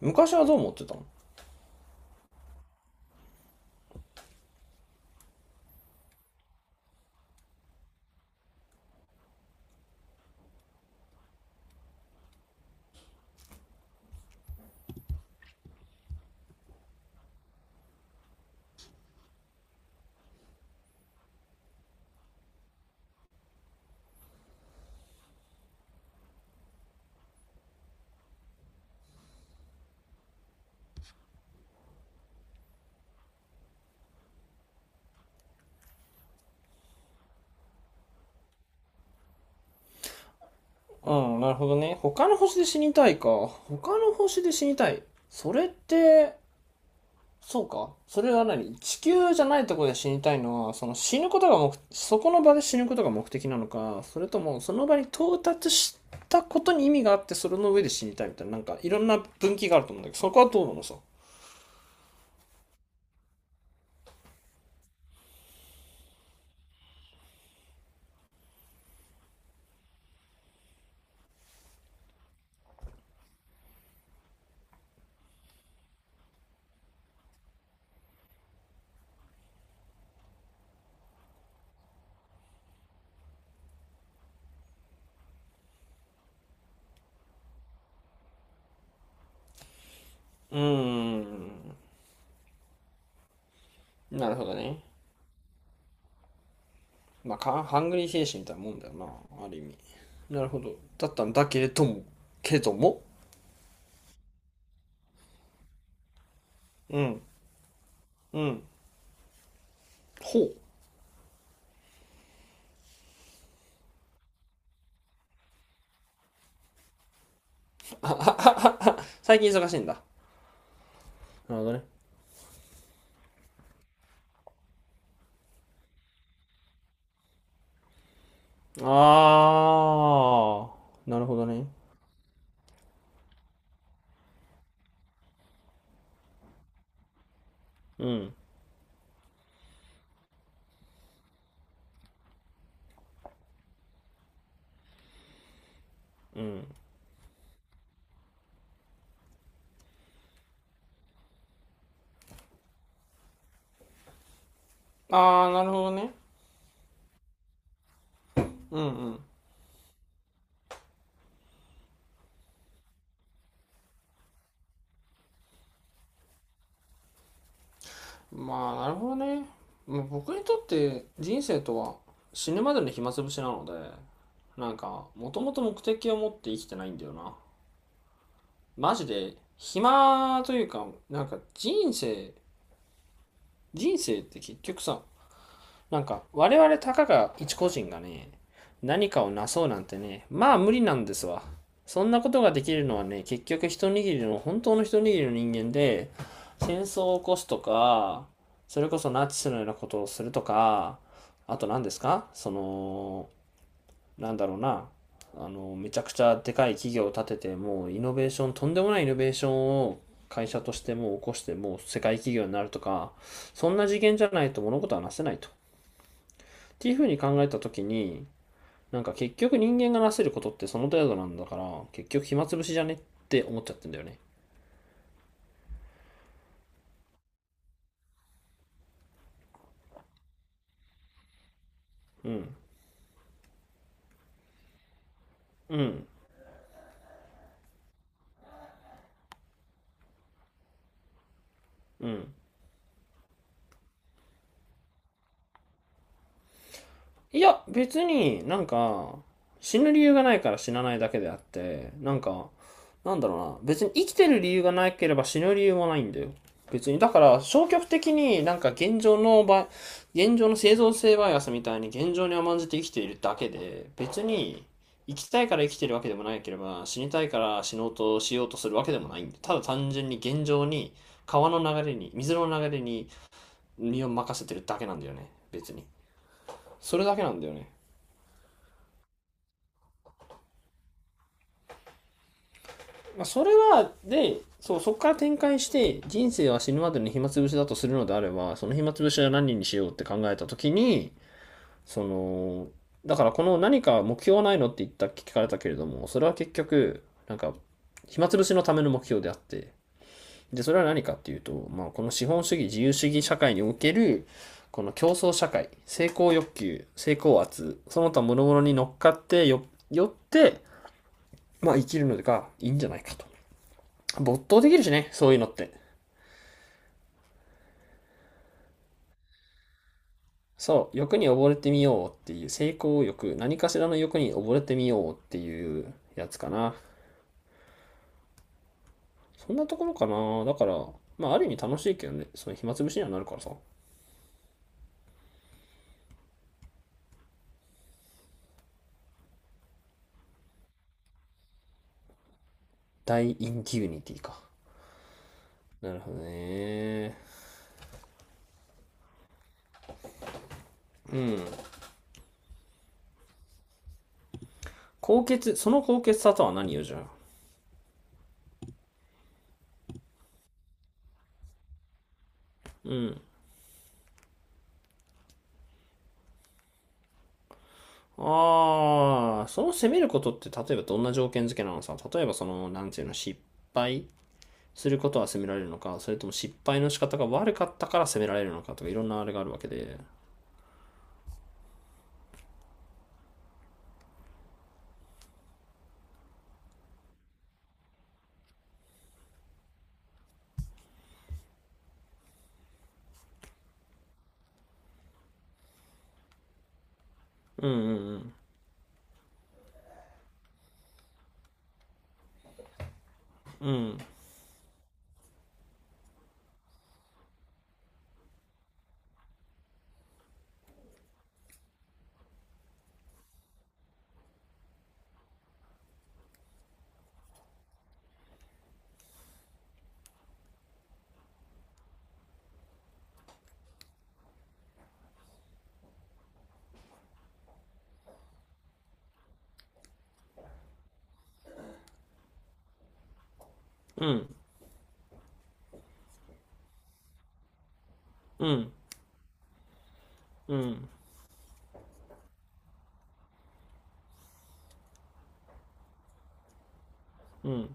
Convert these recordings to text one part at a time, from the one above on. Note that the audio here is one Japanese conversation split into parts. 昔はどう思ってたの？うん、なるほどね。他の星で死にたいか。他の星で死にたい。それって、そうか。それは地球じゃないところで死にたいのは、その死ぬことがそこの場で死ぬことが目的なのか、それともその場に到達したことに意味があって、それの上で死にたいみたいな、なんかいろんな分岐があると思うんだけど、そこはどうなのさ。うーん、なるほどね。まあか、ハングリー精神みたいなもんだよな、ある意味。なるほど。だったんだけれども、けれども、うん。うん。ほう。最近忙しいんだ。なるほどね。あー、なるほどね。うん。うん。ああ、なるほどね。うんうん。まあ、なるほどね。まあ僕にとって人生とは死ぬまでの暇つぶしなので、なんか、もともと目的を持って生きてないんだよな。マジで、暇というか、なんか人生って結局さ、なんか我々たかが一個人がね、何かをなそうなんてね、まあ無理なんですわ。そんなことができるのはね、結局一握りの、本当の一握りの人間で、戦争を起こすとか、それこそナチスのようなことをするとか、あと何ですか、なんだろうなめちゃくちゃでかい企業を立てて、もうイノベーションとんでもないイノベーションを会社としてもう起こして、もう世界企業になるとか、そんな次元じゃないと物事はなせないと、っていうふうに考えた時に、なんか結局人間がなせることってその程度なんだから、結局暇つぶしじゃねって思っちゃってんだよね。うんうんうん。いや、別になんか、死ぬ理由がないから死なないだけであって、なんか、なんだろうな、別に生きてる理由がなければ死ぬ理由もないんだよ。別に、だから消極的になんか現状の生存性バイアスみたいに現状に甘んじて生きているだけで、別に生きたいから生きてるわけでもないければ、死にたいから死のうとしようとするわけでもないんで、ただ単純に現状に川の流れに、水の流れに身を任せてるだけなんだよね、別に。それだけなんだよね。まあ、それは、で、そう、そこから展開して、人生は死ぬまでの暇つぶしだとするのであれば、その暇つぶしは何にしようって考えたときに、その、だからこの何か目標はないのって言った、聞かれたけれども、それは結局、なんか、暇つぶしのための目標であって、で、それは何かっていうと、まあ、この資本主義、自由主義社会における、この競争社会、成功欲求、成功圧、その他諸々に乗っかってよって、まあ、生きるのがいいんじゃないかと。没頭できるしね、そういうのって。そう、欲に溺れてみようっていう、成功欲、何かしらの欲に溺れてみようっていうやつかな。そんなところかな。だから、まあ、ある意味楽しいけどね、その暇つぶしにはなるからさ。大インデュニティか。なるほどね。うん。その高潔さとは何よ、じゃあ。うん。ああ、その責めることって例えばどんな条件付けなのさ。例えばなんていうの、失敗することは責められるのか、それとも失敗の仕方が悪かったから責められるのかとかいろんなあれがあるわけで。うんうんうん。うんうんうんうん。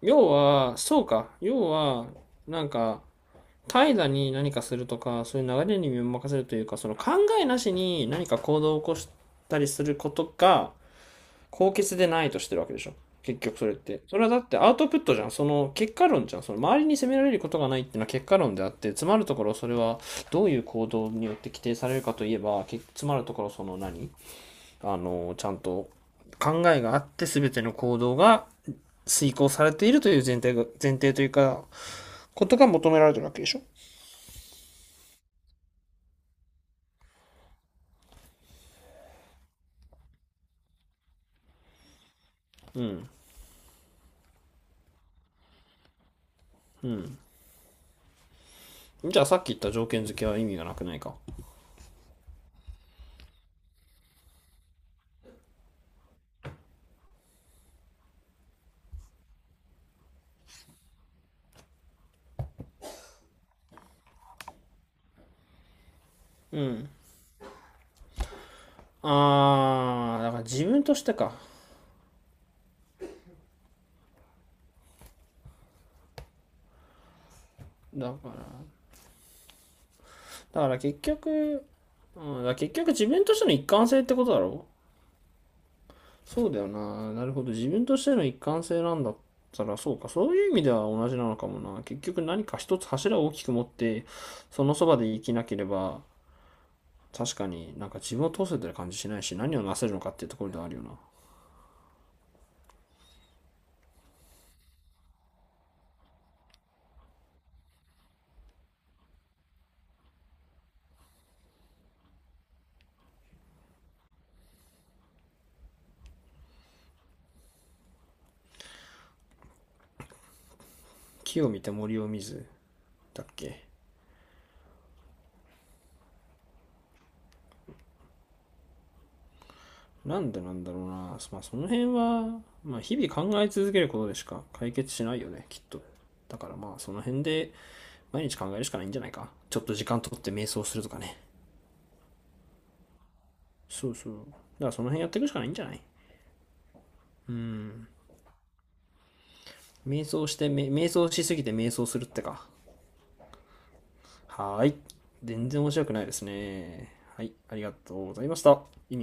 要は、そうか。要は、なんか、怠惰に何かするとか、そういう流れに身を任せるというか、その考えなしに何か行動を起こしたりすることが、高潔でないとしてるわけでしょ。結局それって。それはだってアウトプットじゃん。その結果論じゃん。その周りに責められることがないっていうのは結果論であって、詰まるところそれはどういう行動によって規定されるかといえば、詰まるところその何あの、ちゃんと考えがあって全ての行動が遂行されているという前提が、前提というか、ことが求められてるわけでしょ。うん。うん。じゃあさっき言った条件付けは意味がなくないか。うん。あー、だから自分としてか。だから、だから結局、うん、だから結局自分としての一貫性ってことだろ？そうだよな。なるほど。自分としての一貫性なんだったら、そうか。そういう意味では同じなのかもな。結局何か一つ柱を大きく持って、そのそばで生きなければ、確かになんか自分を通せてる感じしないし、何をなせるのかっていうところではあるよな。木を見て森を見ず、だっけ。なんでなんだろうな。まあその辺は、まあ日々考え続けることでしか解決しないよね、きっと。だからまあその辺で毎日考えるしかないんじゃないか。ちょっと時間取って瞑想するとかね。そうそう。だからその辺やっていくしかないんじゃない？瞑想して、瞑想しすぎて瞑想するってか。はーい。全然面白くないですね。はい。ありがとうございました。